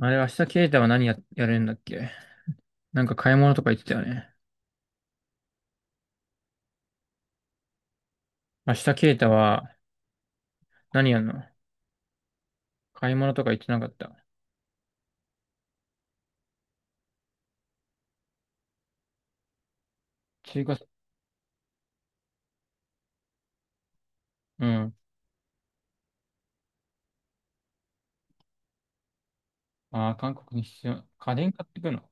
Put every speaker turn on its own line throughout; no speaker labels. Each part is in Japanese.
あれ、明日ケイタはやるんだっけ。なんか買い物とか言ってたよね。明日ケイタは何やるの？買い物とか言ってなかった？中華、うん。ああ、韓国に必要？家電買ってくの？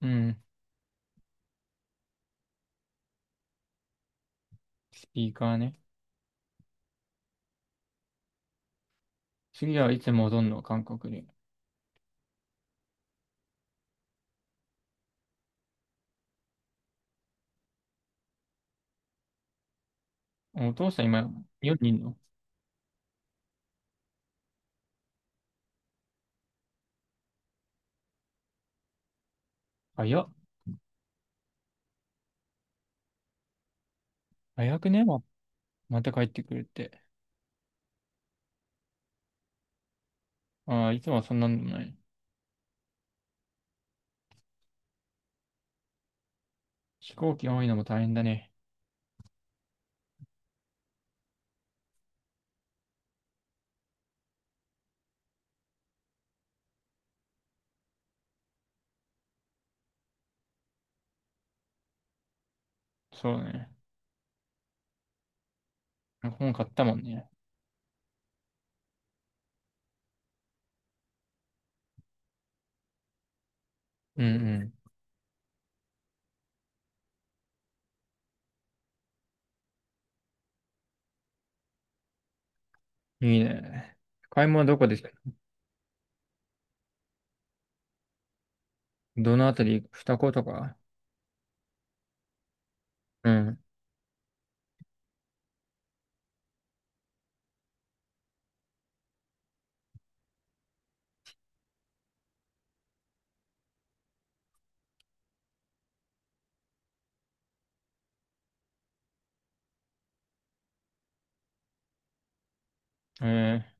うん。スピーカーね。次はいつ戻んの、韓国に？お父さん今、日本にいんの？早っ。早くね？また帰ってくるって。ああ、いつもはそんなんでもない。飛行機多いのも大変だね。そうだね。本買ったもんね。うんうん。いいね。買い物どこでした？どのあたり、二子とか？うん。え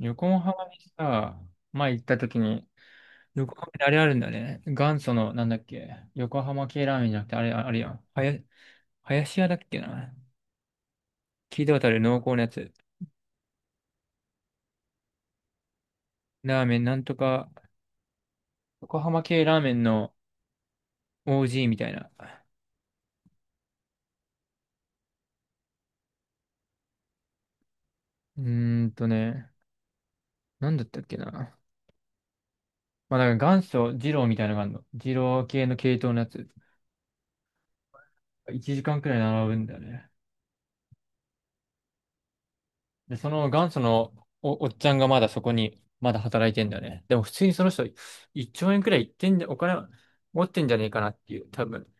横浜にさ、前行った時に、横浜であれあるんだよね。元祖の、なんだっけ、横浜系ラーメンじゃなくて、あれ、あれやん。林屋だっけな。聞いたことある濃厚なやつ。ラーメン、なんとか、横浜系ラーメンの OG みたいな。うーんとね、なんだったっけな。まあ、だから元祖二郎みたいなのがあるの。二郎系の系統のやつ。1時間くらい並ぶんだよね。で、その元祖のおっちゃんがまだそこに、まだ働いてんだよね。でも普通にその人、1兆円くらいいってんじゃ、お金持ってんじゃねえかなっていう、多分。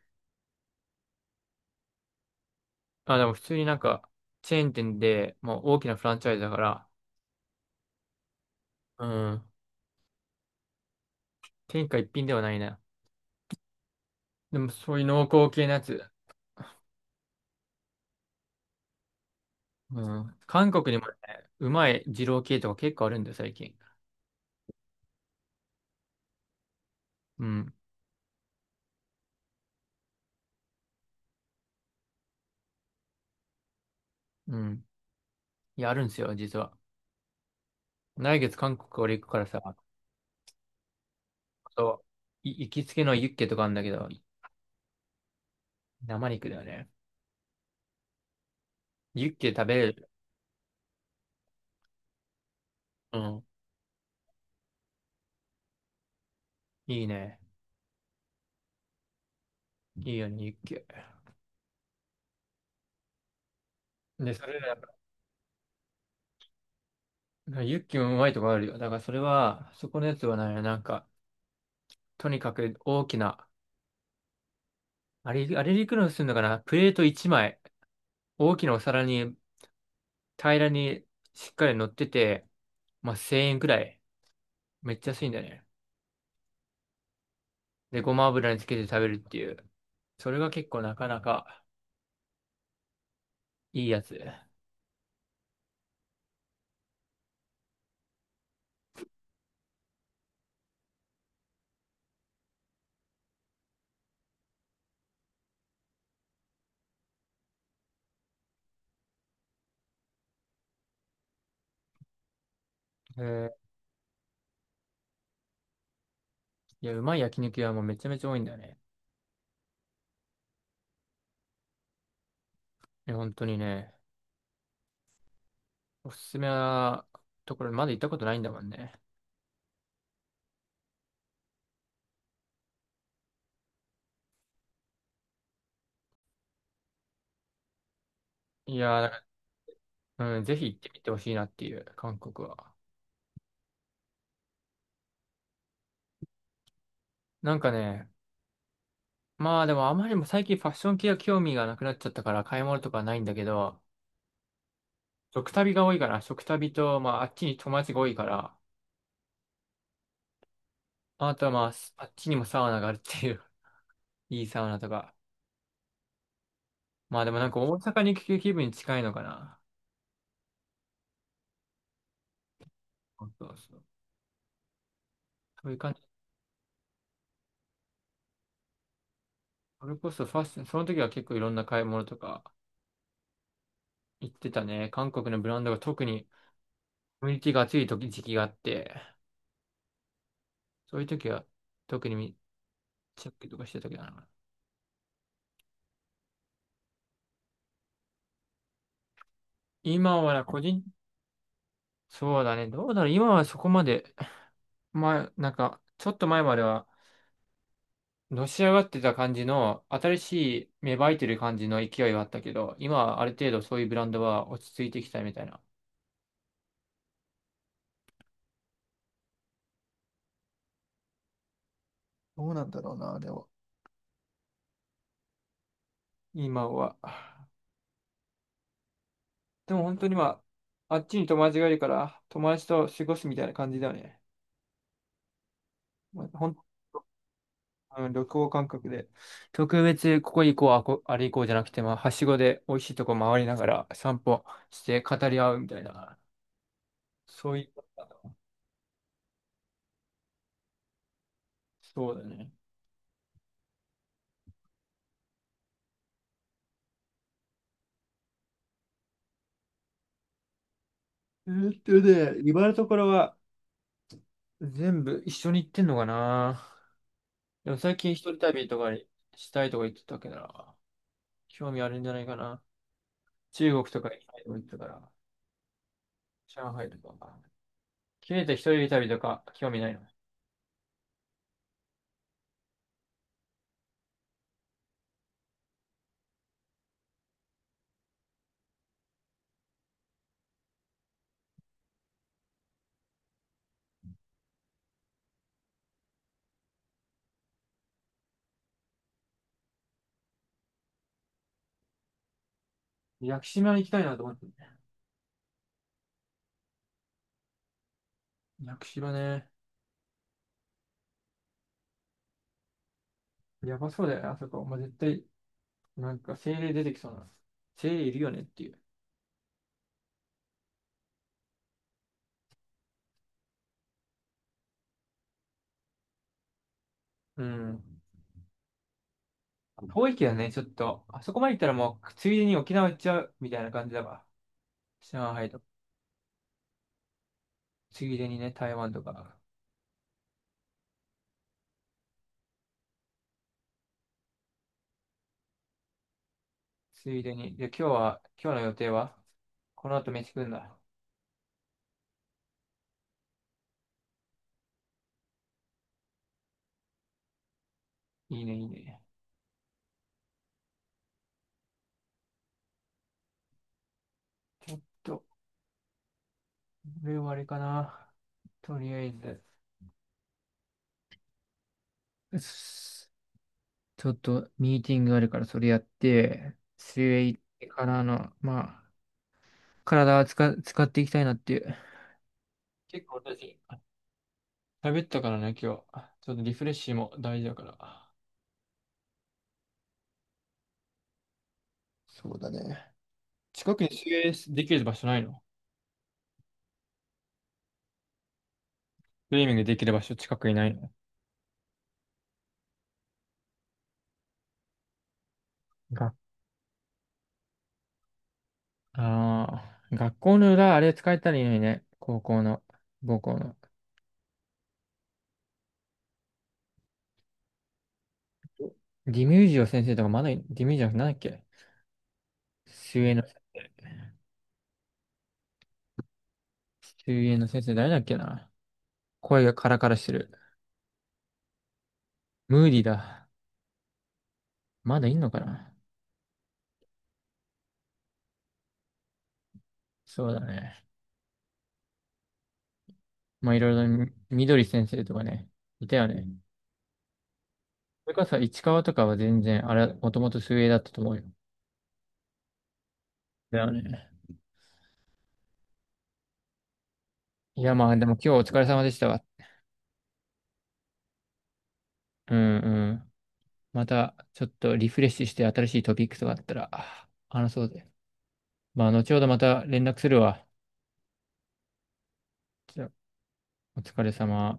あ、でも普通になんか、チェーン店で、もう大きなフランチャイズだから、うん、天下一品ではないな。でもそういう濃厚系のやつ、うん、韓国にもね、うまい二郎系とか結構あるんだよ、最近。うん、うん。いや、あるんですよ、実は。来月韓国俺行くからさ、そう、行きつけのユッケとかあるんだけど、生肉だよね。ユッケ食べれる？うん。いいね。いいよね、ユッケ。で、それら、ユッケもうまいとこあるよ。だからそれは、そこのやつはね、なんか、とにかく大きな、あれ、あれでいくらするのかな、プレート1枚、大きなお皿に平らにしっかり乗ってて、まあ、1000円くらい。めっちゃ安いんだよね。で、ごま油につけて食べるっていう。それが結構なかなかいいやつ。ーいや、うまい焼肉屋もめちゃめちゃ多いんだよね。いや本当にね。おすすめなところまだ行ったことないんだもんね。いやー、だからうん、ぜひ行ってみてほしいなっていう、韓国は。なんかね、まあでもあまりにも最近ファッション系は興味がなくなっちゃったから買い物とかはないんだけど、食旅が多いかな。食旅と、まああっちに友達が多いから、あとはまああっちにもサウナがあるっていう、いいサウナとか。まあでもなんか大阪に行く気分に近いのかな。そうそうそう。そういう感じ。それこそファッション、その時は結構いろんな買い物とか行ってたね。韓国のブランドが特にコミュニティが熱い時期があって、そういう時は特にチェックとかしてたけどな。今はな個人、そうだね、どうだろう、今はそこまで、まあ、なんか、ちょっと前までは、のし上がってた感じの、新しい芽生えてる感じの勢いはあったけど、今はある程度そういうブランドは落ち着いてきたみたいな。どうなんだろうな、でも。今は。でも本当にまあ、あっちに友達がいるから、友達と過ごすみたいな感じだよね。まあ、うん、旅行感覚で。特別、ここ行こう、あれ行こうじゃなくて、まあ、はしごで美味しいとこ回りながら散歩して語り合うみたいな。そういう、そうだね。えーっとね、今のところは全部一緒に行ってんのかな。でも最近一人旅とかにしたいとか言ってたけどな、興味あるんじゃないかな。中国とか行きたいとか言ってたから、上海とか。切れた一人旅とか興味ないの？屋久島に行きたいなと思って。屋久島ね。やばそうだよね、あそこ。まあ、絶対なんか精霊出てきそうな。精霊いるよねっていう。うん。遠いけどね、ちょっと。あそこまで行ったらもう、ついでに沖縄行っちゃうみたいな感じだわ。上海とか。ついでにね、台湾とか。ついでに。で、今日は、今日の予定はこの後飯食うんだ。いいね、いいね。ちょっと、これはあれかな。とりあえず。うっす、ちょっと、ミーティングがあるから、それやって、水泳行ってからの、まあ、体は使っていきたいなっていう。結構私、喋ったからね、今日。ちょっとリフレッシュも大事だから。そうだね。近くに水泳できる場所ないの？スイミングできる場所近くにないの？が、ああ、学校の裏、あれ使えたらいいのにね。高校の、母校の。ディミュージオ先生とかまだい、ディミュージオな、なんだっけ、水泳の、水泳の、先生誰だっけな。声がカラカラしてる。ムーディだ。まだいんのかな？そうだね。まあいろいろ、みどり先生とかね、いたよね。それこそ市川とかは全然、あれ、もともと水泳だったと思うよ。だよね。いや、まあ、でも今日お疲れ様でしたわ。うんうん。また、ちょっとリフレッシュして新しいトピックとかあったら、話そうぜ。まあ、後ほどまた連絡するわ。じゃあお疲れ様。